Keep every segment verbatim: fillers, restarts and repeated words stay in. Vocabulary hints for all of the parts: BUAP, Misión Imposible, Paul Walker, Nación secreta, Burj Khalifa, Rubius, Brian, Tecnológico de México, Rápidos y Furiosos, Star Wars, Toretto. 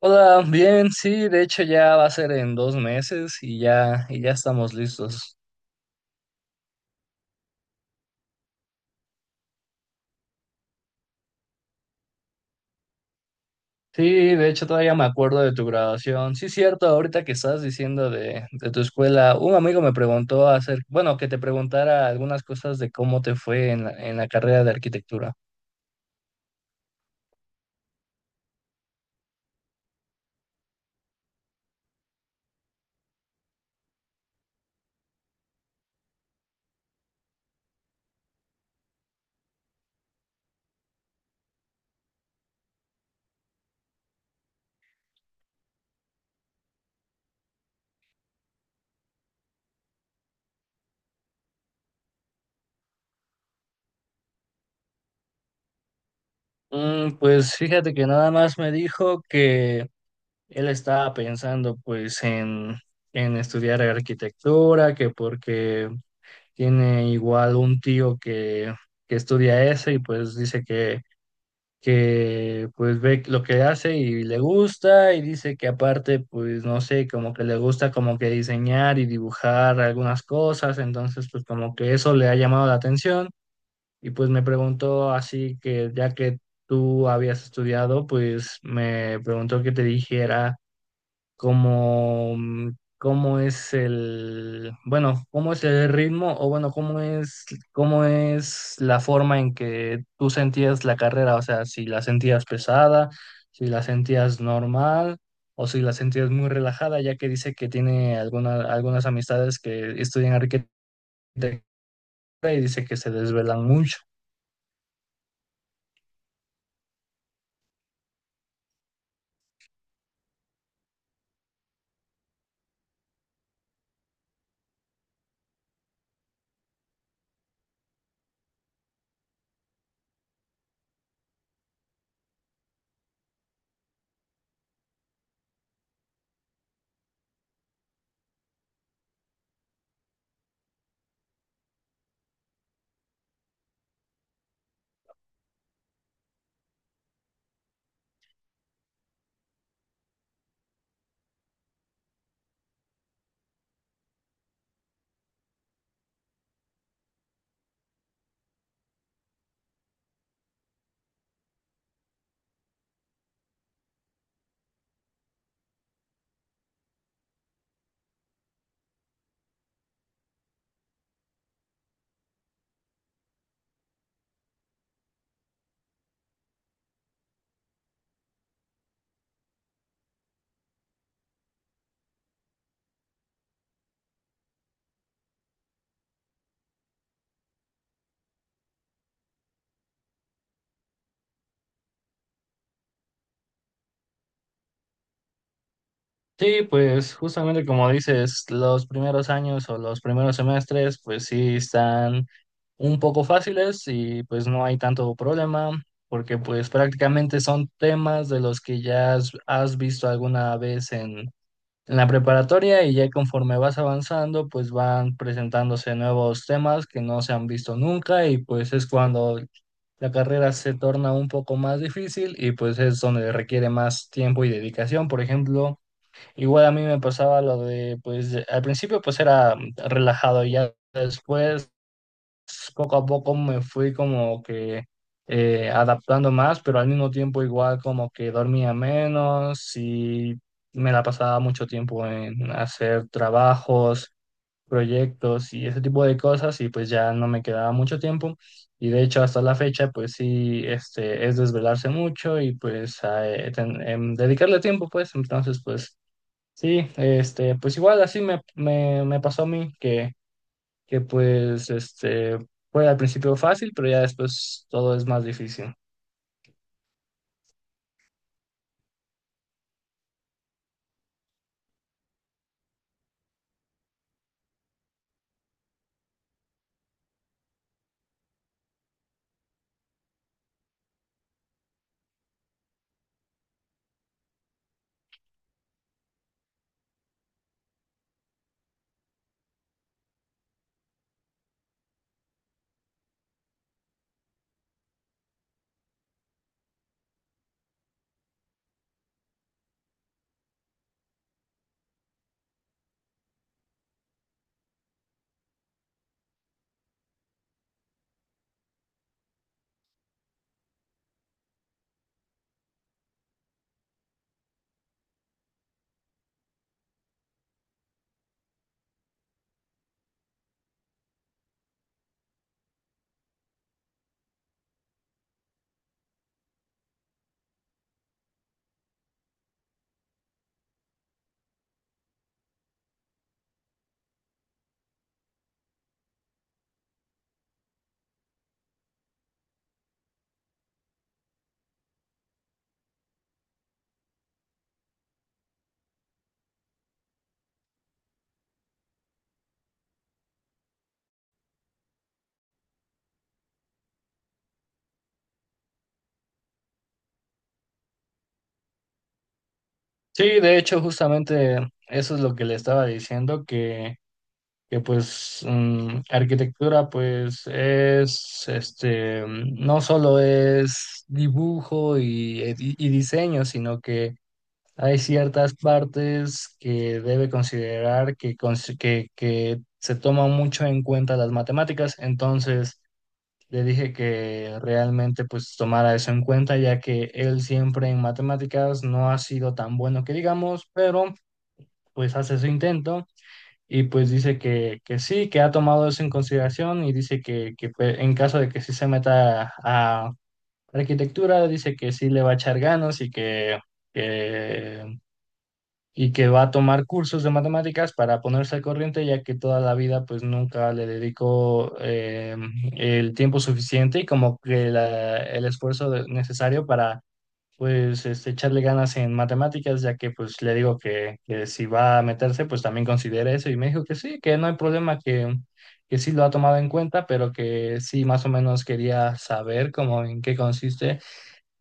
Hola, bien, sí, de hecho ya va a ser en dos meses y ya, y ya estamos listos. Sí, de hecho todavía me acuerdo de tu graduación. Sí, cierto, ahorita que estás diciendo de, de tu escuela, un amigo me preguntó hacer, bueno, que te preguntara algunas cosas de cómo te fue en la, en la carrera de arquitectura. Mm, pues fíjate que nada más me dijo que él estaba pensando pues en, en estudiar arquitectura, que porque tiene igual un tío que, que estudia eso y pues dice que, que pues ve lo que hace y le gusta, y dice que aparte pues no sé, como que le gusta como que diseñar y dibujar algunas cosas. Entonces pues como que eso le ha llamado la atención y pues me preguntó, así que ya que tú habías estudiado, pues me preguntó que te dijera como, mm, cómo es el, bueno, cómo es el ritmo, o bueno, cómo es, cómo es la forma en que tú sentías la carrera, o sea, si la sentías pesada, si la sentías normal o si la sentías muy relajada, ya que dice que tiene alguna- algunas amistades que estudian arquitectura y dice que se desvelan mucho. Sí, pues justamente como dices, los primeros años o los primeros semestres, pues sí están un poco fáciles y pues no hay tanto problema, porque pues prácticamente son temas de los que ya has, has visto alguna vez en, en la preparatoria, y ya conforme vas avanzando, pues van presentándose nuevos temas que no se han visto nunca, y pues es cuando la carrera se torna un poco más difícil y pues es donde requiere más tiempo y dedicación. Por ejemplo, igual a mí me pasaba lo de, pues de- al principio pues era relajado y ya después poco a poco me fui como que, eh, adaptando más, pero al mismo tiempo igual como que dormía menos y me la pasaba mucho tiempo en hacer trabajos, proyectos y ese tipo de cosas, y pues ya no me quedaba mucho tiempo, y de hecho hasta la fecha pues sí, este, es desvelarse mucho y pues a, eh, ten- em, dedicarle tiempo, pues entonces pues... Sí, este, pues igual así me, me, me pasó a mí, que, que pues este, fue al principio fácil, pero ya después todo es más difícil. Sí, de hecho, justamente eso es lo que le estaba diciendo, que, que pues, mm, arquitectura pues es, este, mm, no solo es dibujo y, y y diseño, sino que hay ciertas partes que debe considerar que, cons- que, que se toman mucho en cuenta las matemáticas. Entonces le dije que realmente pues tomara eso en cuenta, ya que él siempre en matemáticas no ha sido tan bueno que digamos, pero pues hace su intento, y pues dice que, que sí, que ha tomado eso en consideración, y dice que, que pues, en caso de que sí se meta a arquitectura, dice que sí le va a echar ganas y que... que y que va a tomar cursos de matemáticas para ponerse al corriente, ya que toda la vida pues nunca le dedicó, eh, el tiempo suficiente, y como que la- el esfuerzo de- necesario para pues este, echarle ganas en matemáticas, ya que pues le digo que, que si va a meterse pues también considera eso, y me dijo que sí, que no hay problema, que, que sí lo ha tomado en cuenta, pero que sí más o menos quería saber como en qué consiste,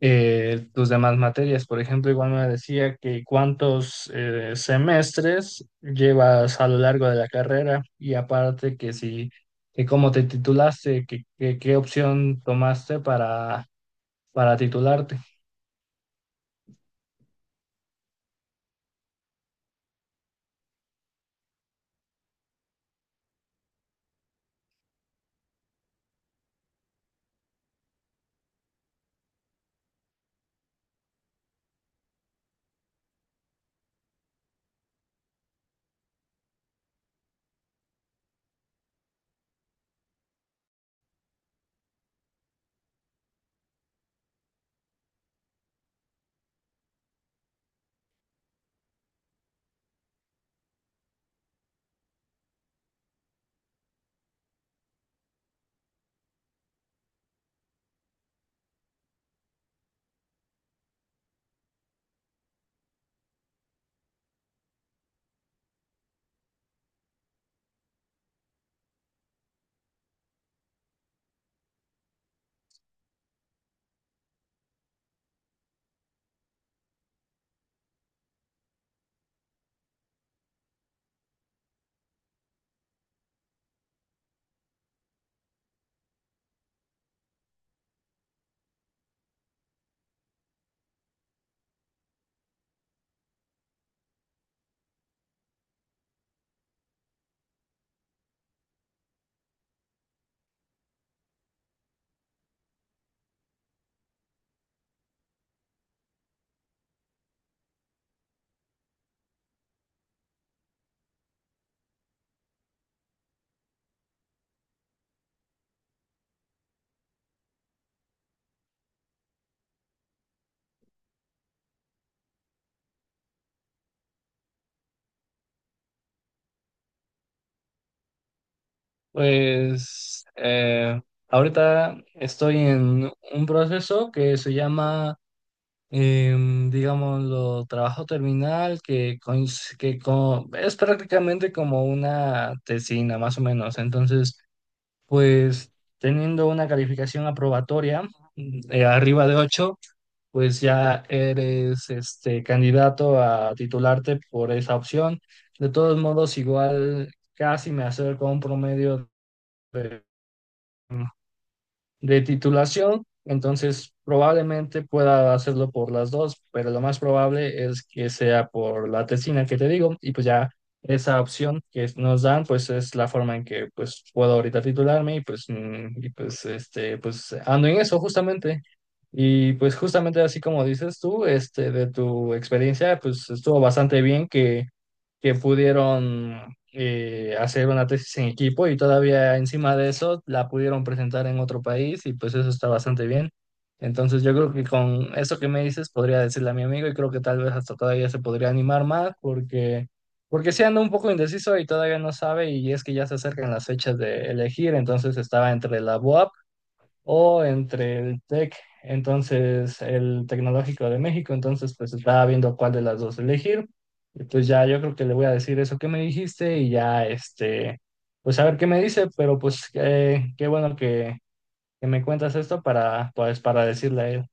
eh, tus demás materias. Por ejemplo, igual me decía que cuántos, eh, semestres llevas a lo largo de la carrera, y aparte que si, que cómo te titulaste, que, que- qué opción tomaste para, para titularte. Pues, eh, ahorita estoy en un proceso que se llama, em, digámoslo, trabajo terminal, que, coinc- que co- es prácticamente como una tesina, más o menos. Entonces, pues teniendo una calificación aprobatoria, mm, eh, arriba de ocho, pues ya eres este candidato a titularte por esa opción. De todos modos, igual casi me acerco a un promedio de titulación, entonces probablemente pueda hacerlo por las dos, pero lo más probable es que sea por la tesina que te digo, y pues ya esa opción que nos dan pues es la forma en que pues puedo ahorita titularme, y pues, mm, y pues este pues ando en eso justamente. Y pues justamente así como dices tú, este de tu experiencia, pues estuvo bastante bien que que pudieron, eh, hacer una tesis en equipo y todavía encima de eso la pudieron presentar en otro país, y pues eso está bastante bien. Entonces yo creo que con eso que me dices podría decirle a mi amigo, y creo que tal vez hasta todavía se podría animar más porque, porque sí anda un poco indeciso y todavía no sabe, y es que ya se acercan las fechas de elegir, entonces estaba entre la BUAP o entre el TEC, entonces el Tecnológico de México, entonces pues estaba viendo cuál de las dos elegir. Y pues ya yo creo que le voy a decir eso que me dijiste, y ya este, pues a ver qué me dice, pero pues, eh, qué bueno que, que me cuentas esto para pues para decirle a él.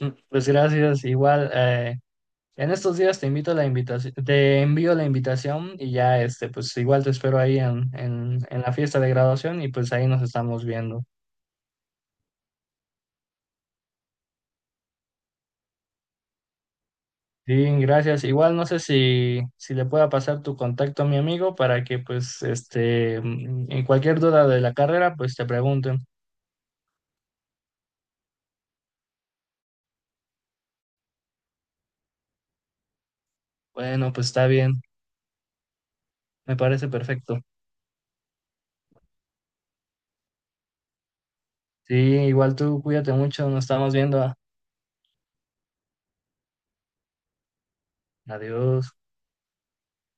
Mm, Pues gracias, igual, eh, en estos días te invito la invitación, te envío la invitación, y ya este, pues igual te espero ahí en, en, en la fiesta de graduación, y pues ahí nos estamos viendo. Sí, gracias. Igual no sé si, si le pueda pasar tu contacto a mi amigo para que pues este, mm, en cualquier duda de la carrera pues te pregunten. Bueno, pues está bien, me parece perfecto. Sí, igual tú cuídate mucho, nos estamos viendo. Adiós.